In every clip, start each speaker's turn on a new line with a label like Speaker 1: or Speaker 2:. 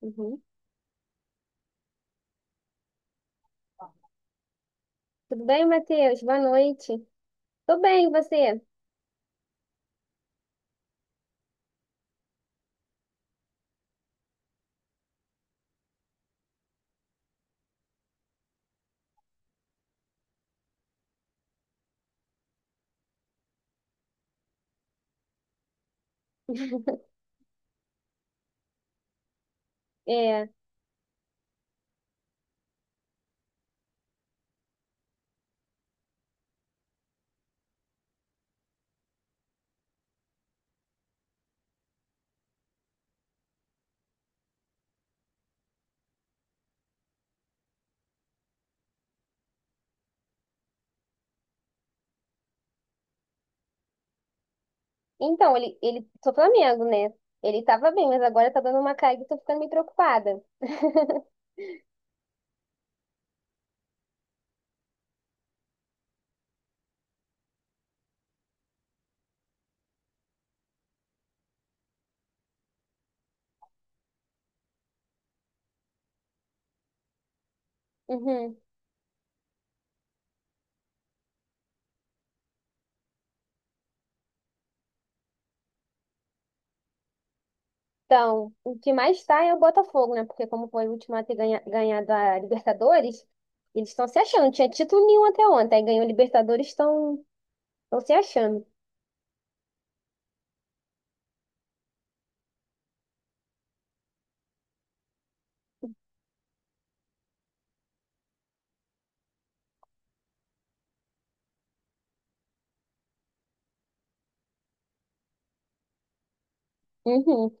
Speaker 1: Uhum. Tudo bem, Matheus? Boa noite. Tô bem, e você? É. Então, sou Flamengo, né? Ele tava bem, mas agora tá dando uma caída e tô ficando meio preocupada. Uhum. Então, o que mais está é o Botafogo, né? Porque como foi o último a ter ganhado a Libertadores, eles estão se achando. Não tinha título nenhum até ontem. Aí ganhou a Libertadores, estão se achando. Uhum.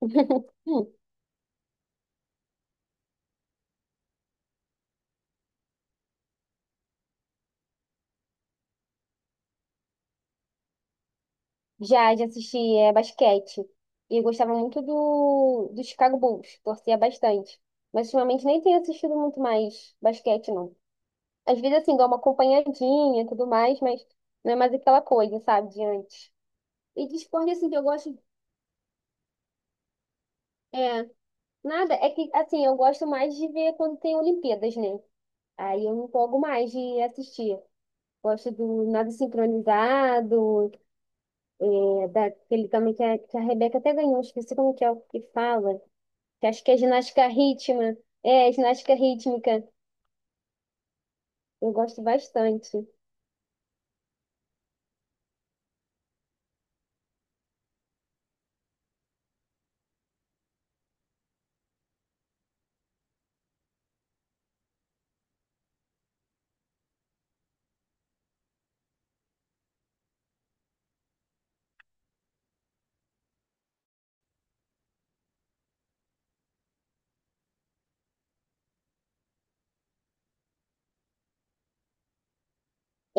Speaker 1: Já assisti basquete. E eu gostava muito do Chicago Bulls. Torcia bastante. Mas ultimamente nem tenho assistido muito mais basquete, não. Às vezes, assim, dou uma acompanhadinha e tudo mais, mas não é mais aquela coisa, sabe, de antes. E de esporte, assim, que eu gosto. é Nada, é que assim, eu gosto mais de ver quando tem Olimpíadas, né? Aí eu me empolgo mais de assistir. Gosto do nado sincronizado, daquele também que a Rebeca até ganhou, esqueci como que é o que fala, que acho que é ginástica rítmica. É, ginástica rítmica. Eu gosto bastante.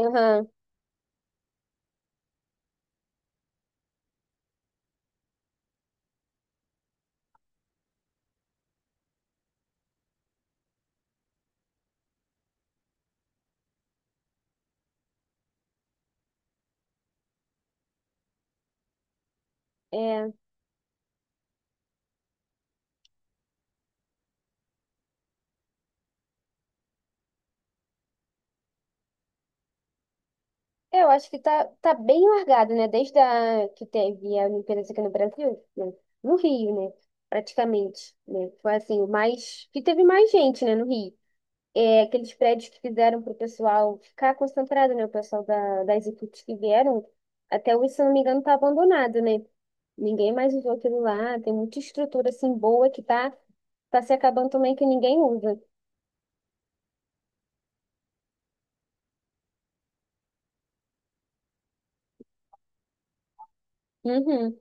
Speaker 1: Aham, é. Eu acho que tá bem largado, né? Desde que teve a Olimpíadas aqui no Brasil, né? No Rio, né? Praticamente, né? Foi assim, que teve mais gente, né, no Rio. Aqueles prédios que fizeram para o pessoal ficar concentrado, né? O pessoal das equipes que vieram, até hoje, se não me engano, está abandonado, né? Ninguém mais usou aquilo lá. Tem muita estrutura assim boa que tá se acabando também que ninguém usa. Uhum,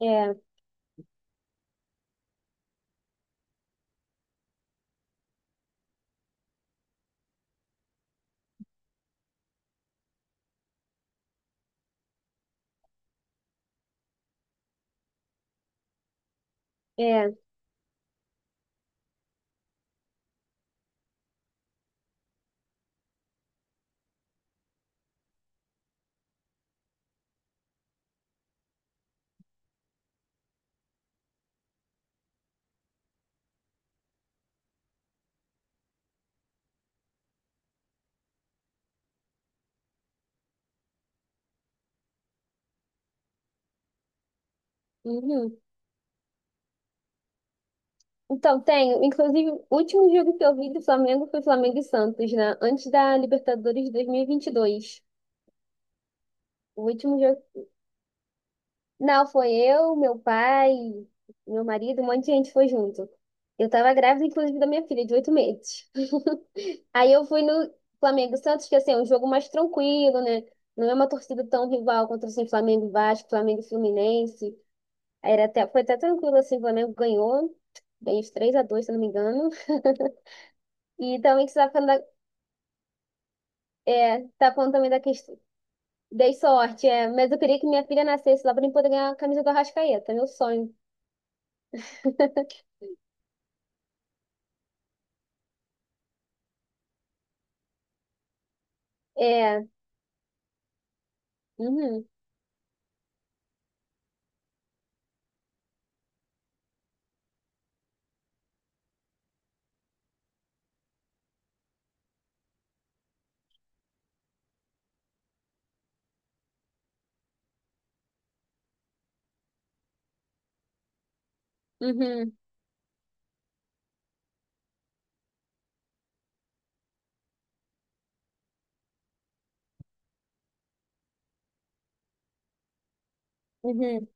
Speaker 1: é, é, uhum. Então, tenho. Inclusive, o último jogo que eu vi do Flamengo foi Flamengo e Santos, né? Antes da Libertadores de 2022. O último jogo Não, foi eu, meu pai, meu marido, um monte de gente foi junto. Eu tava grávida, inclusive, da minha filha, de 8 meses. Aí eu fui no Flamengo e Santos, que assim, é um jogo mais tranquilo, né? Não é uma torcida tão rival contra assim, Flamengo e Vasco, Flamengo e Fluminense. Aí era até, foi até tranquilo, assim, o Flamengo ganhou, bem, os 3-2, se eu não me engano. E também que você tá falando, tá falando também da questão. Dei sorte, é, mas eu queria que minha filha nascesse lá pra mim poder ganhar a camisa do Arrascaeta, meu sonho. É, uhum, uhum. Uhum,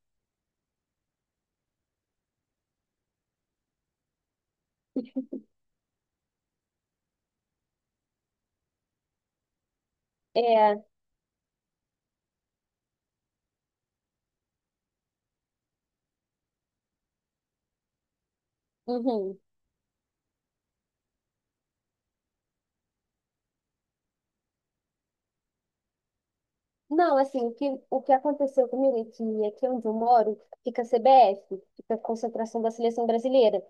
Speaker 1: é, uhum. Não, assim, o que aconteceu comigo é que aqui onde eu moro fica a CBF, fica a concentração da seleção brasileira.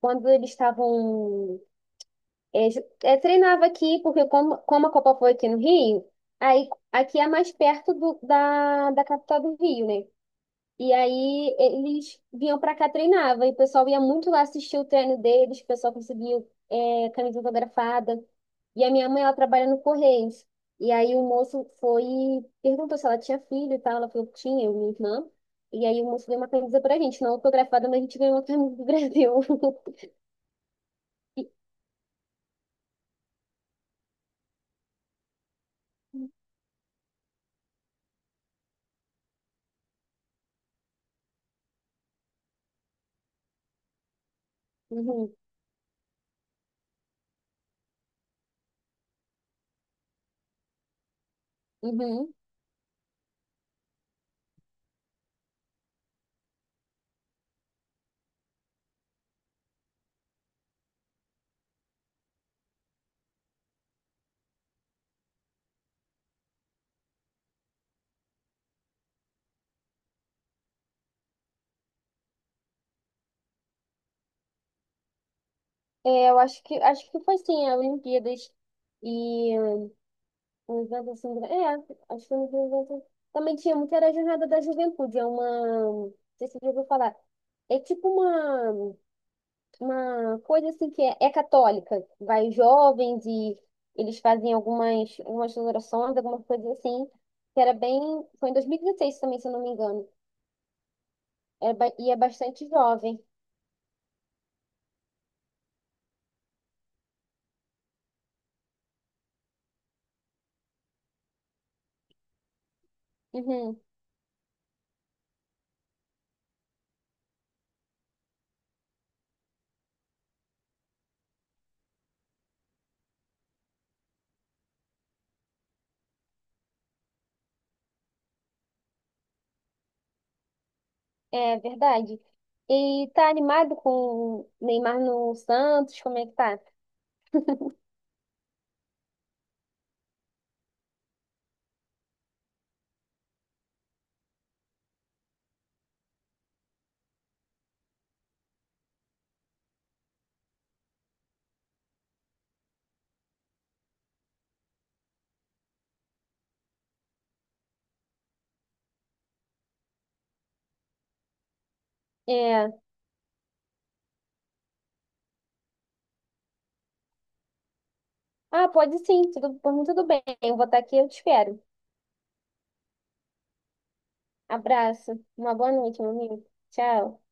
Speaker 1: Quando eles estavam. É, treinava aqui, porque como a Copa foi aqui no Rio, aí aqui é mais perto da capital do Rio, né? E aí eles vinham pra cá, treinava, e o pessoal ia muito lá assistir o treino deles, o pessoal conseguiu camisa autografada. E a minha mãe, ela trabalha no Correios. E aí o moço foi e perguntou se ela tinha filho e tal. Ela falou que tinha, eu e minha irmã. E aí o moço deu uma camisa pra gente, não autografada, mas a gente ganhou uma camisa do Brasil. E- Uhum, uhum. É, eu acho que foi sim, a Olimpíadas e um evento assim, acho que um evento. Também tinha muito, era a Jornada da Juventude, é uma, não sei se você já ouviu falar. É tipo uma coisa assim que é católica. Vai jovens e eles fazem algumas orações, algumas coisas assim, que era bem. Foi em 2016 também, se eu não me engano. É, e é bastante jovem. Uhum, é verdade. E tá animado com o Neymar no Santos? Como é que tá? É. Ah, pode sim, tudo, por mim tudo bem. Eu vou estar aqui, eu te espero. Abraço. Uma boa noite, meu amigo. Tchau.